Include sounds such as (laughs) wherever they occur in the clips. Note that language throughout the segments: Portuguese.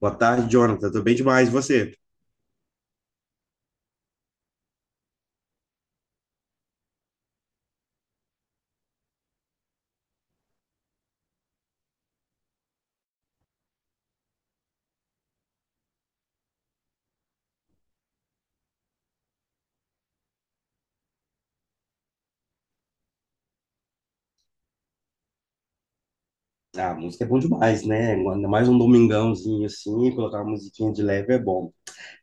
Boa tarde, Jonathan. Tô bem demais, e você? Ah, música é bom demais, né? Ainda mais um domingãozinho assim, colocar uma musiquinha de leve é bom.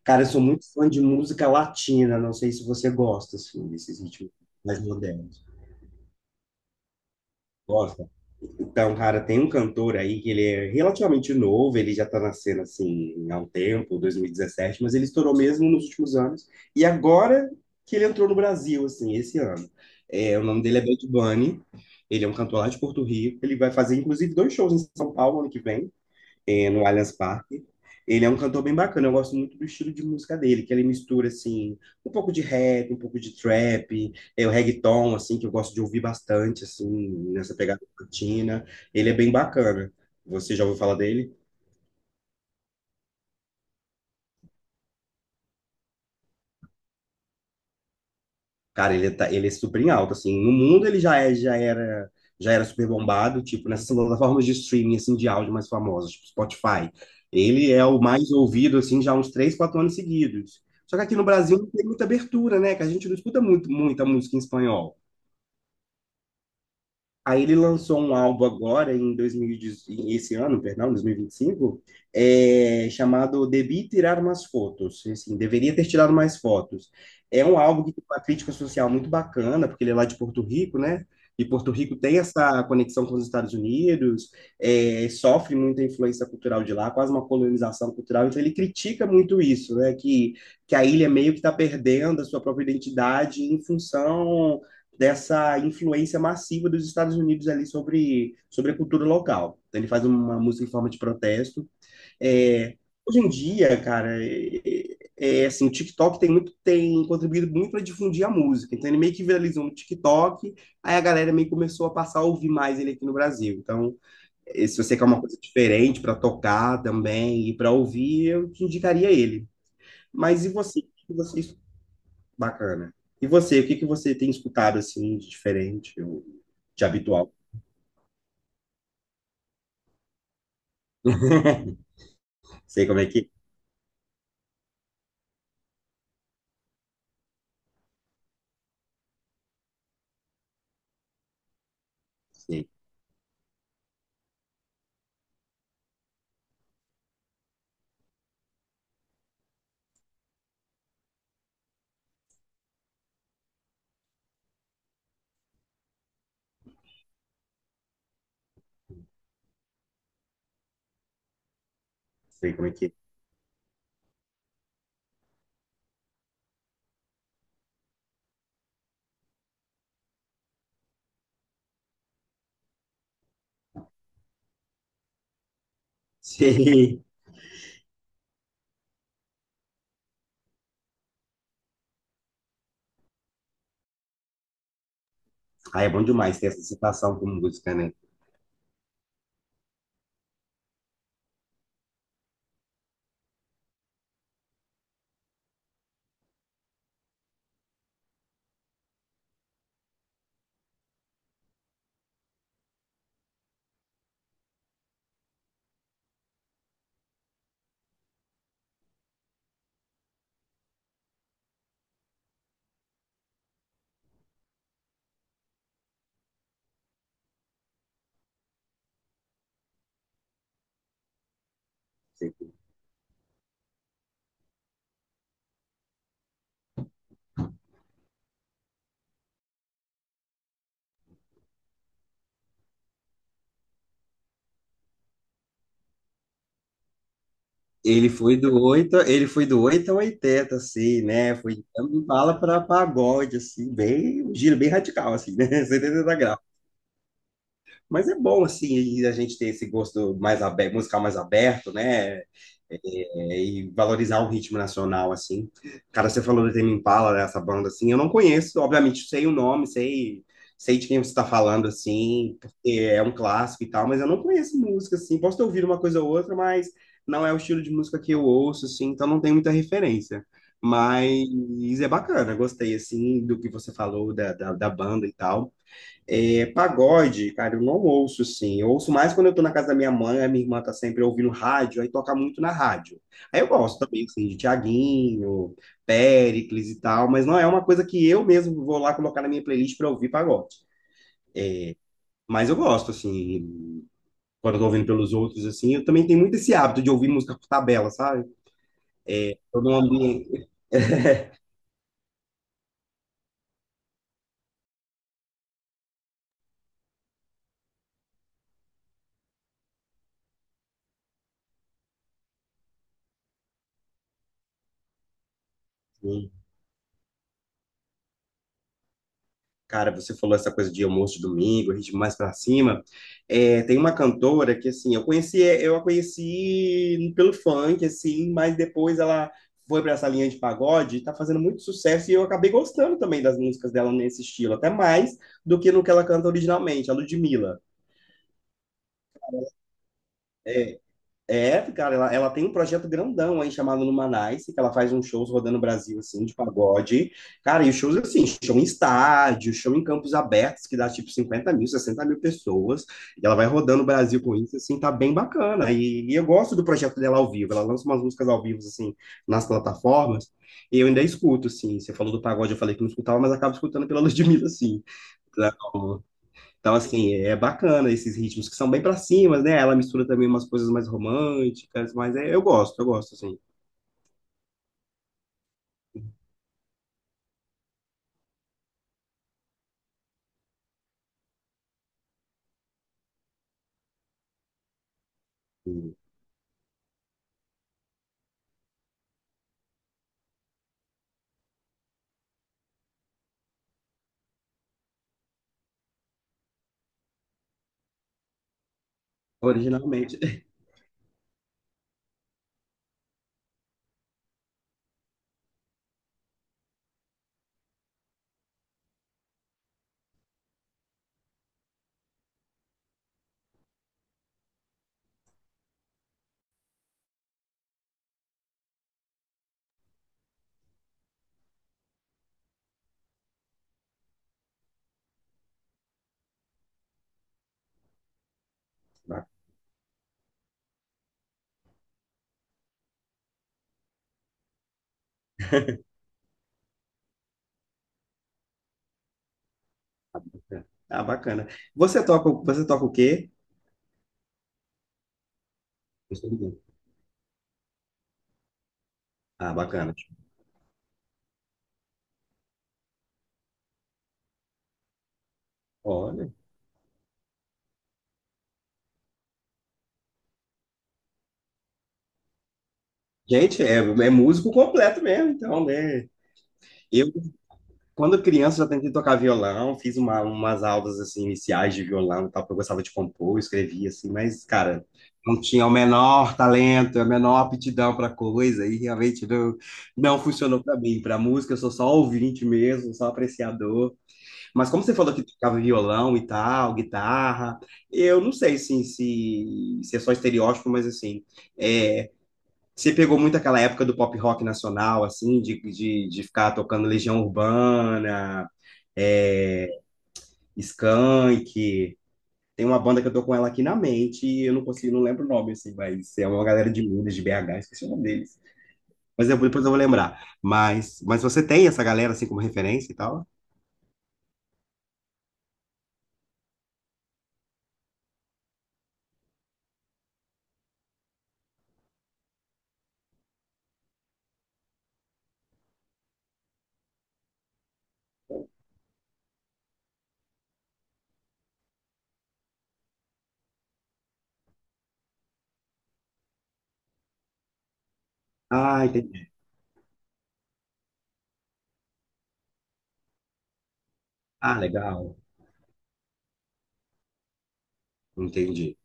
Cara, eu sou muito fã de música latina, não sei se você gosta, assim, desses ritmos mais modernos. Gosta? Então, cara, tem um cantor aí que ele é relativamente novo, ele já tá na cena assim há um tempo, 2017, mas ele estourou mesmo nos últimos anos. E agora que ele entrou no Brasil, assim, esse ano. É, o nome dele é Bad Bunny, ele é um cantor lá de Porto Rico, ele vai fazer inclusive dois shows em São Paulo ano que vem no Allianz Parque. Ele é um cantor bem bacana, eu gosto muito do estilo de música dele, que ele mistura, assim, um pouco de rap, um pouco de trap, é, o reggaeton, assim, que eu gosto de ouvir bastante, assim, nessa pegada latina. Ele é bem bacana. Você já ouviu falar dele? Cara, ele, tá, ele é super em alta, assim. No mundo ele já é, já era super bombado, tipo, nessas plataformas de streaming, assim, de áudio mais famosas, tipo Spotify. Ele é o mais ouvido, assim, já há uns três, quatro anos seguidos. Só que aqui no Brasil não tem muita abertura, né? Que a gente não escuta muito, muita música em espanhol. Aí ele lançou um álbum agora, em 2018, esse ano, perdão, 2025, é, chamado Debi Tirar Umas Fotos. Assim, deveria ter tirado mais fotos. É um álbum que tem uma crítica social muito bacana, porque ele é lá de Porto Rico, né? E Porto Rico tem essa conexão com os Estados Unidos, é, sofre muita influência cultural de lá, quase uma colonização cultural. Então ele critica muito isso, né? Que a ilha meio que está perdendo a sua própria identidade em função dessa influência massiva dos Estados Unidos ali sobre a cultura local. Então, ele faz uma música em forma de protesto. É, hoje em dia, cara, é assim, o TikTok tem contribuído muito para difundir a música. Então ele meio que viralizou no TikTok, aí a galera meio que começou a passar a ouvir mais ele aqui no Brasil. Então, é, se você quer uma coisa diferente para tocar também e para ouvir, eu te indicaria ele. Mas e você? O que você Bacana. E você, o que que você tem escutado assim de diferente ou de habitual? (laughs) Sei como é que. Sei, sei como é que. Sei. Ah, (laughs) é bom demais ter essa citação como música, né? Sei. Como- ele foi do 8 ao 80, assim, né? Foi de bala para pagode, assim, bem, um giro bem radical, assim, né? (laughs) 180 graus. Mas é bom, assim, a gente ter esse gosto mais aberto, musical mais aberto, né? É, e valorizar o ritmo nacional, assim. Cara, você falou do Tame Impala, né, essa banda, assim, eu não conheço, obviamente, sei o nome, sei de quem você está falando, assim, porque é um clássico e tal, mas eu não conheço música, assim, posso ter ouvido uma coisa ou outra, mas não é o estilo de música que eu ouço, assim, então não tem muita referência. Mas é bacana, gostei, assim, do que você falou da banda e tal. É, pagode, cara, eu não ouço, assim. Eu ouço mais quando eu tô na casa da minha mãe, a minha irmã tá sempre ouvindo rádio, aí toca muito na rádio. Aí eu gosto também, assim, de Thiaguinho, Péricles e tal, mas não é uma coisa que eu mesmo vou lá colocar na minha playlist pra ouvir pagode. Mas eu gosto, assim, quando eu tô ouvindo pelos outros, assim. Eu também tenho muito esse hábito de ouvir música por tabela, sabe? Tô ambiente, (laughs) Cara, você falou essa coisa de almoço de domingo, ritmo mais pra cima. É, tem uma cantora que, assim, eu conheci, eu a conheci pelo funk, assim, mas depois ela foi para essa linha de pagode e tá fazendo muito sucesso e eu acabei gostando também das músicas dela nesse estilo, até mais do que no que ela canta originalmente, a Ludmilla. É, É, cara, ela tem um projeto grandão aí chamado Numanice, que ela faz uns shows rodando o Brasil, assim, de pagode. Cara, e os shows, assim, show em estádio, show em campos abertos, que dá tipo 50 mil, 60 mil pessoas. E ela vai rodando o Brasil com isso, assim, tá bem bacana. E eu gosto do projeto dela ao vivo. Ela lança umas músicas ao vivo, assim, nas plataformas. E eu ainda escuto, assim. Você falou do pagode, eu falei que não escutava, mas acabo escutando pela (laughs) Ludmilla, assim. Então, assim, é bacana esses ritmos que são bem pra cima, né? Ela mistura também umas coisas mais românticas, mas é, eu gosto, assim. Originalmente. (laughs) Bacana. Ah, bacana. Você toca o quê? Eu sou ninguém. Ah, bacana. Olha. Gente, é músico completo mesmo, então, né? Eu, Quando criança, eu já tentei tocar violão, fiz umas aulas assim, iniciais de violão e tal, porque eu gostava de compor, eu escrevia assim, mas, cara, não tinha o menor talento, a menor aptidão para coisa, e realmente não funcionou para mim. Para música, eu sou só ouvinte mesmo, só apreciador. Mas como você falou que tocava violão e tal, guitarra, eu não sei assim, se é só estereótipo, mas assim, é, você pegou muito aquela época do pop rock nacional, assim, de ficar tocando Legião Urbana, é, Skank. Tem uma banda que eu tô com ela aqui na mente e eu não consigo, não lembro o nome, assim, mas é uma galera de Minas, de BH, esqueci o nome deles. Mas eu- depois eu vou lembrar. Mas você tem essa galera, assim, como referência e tal? Ah, entendi. Ah, legal. Entendi.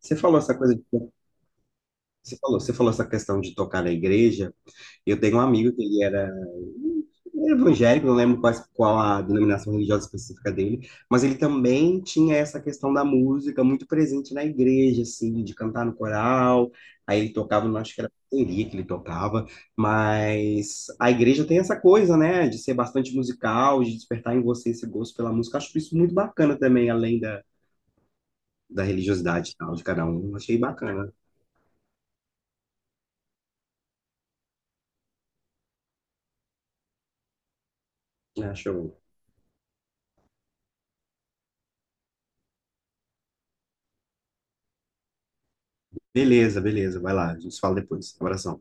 Você falou essa coisa de, você falou essa questão de tocar na igreja. Eu tenho um amigo que ele era evangélico, não lembro quais- qual, a denominação religiosa específica dele, mas ele também tinha essa questão da música muito presente na igreja, assim, de cantar no coral. Aí ele tocava, não acho que era bateria que ele tocava, mas a igreja tem essa coisa, né, de ser bastante musical, de despertar em você esse gosto pela música. Acho isso muito bacana também, além da, da religiosidade e tal, de cada um. Achei bacana, né? Acho Beleza, beleza. Vai lá, a gente se fala depois. Abração.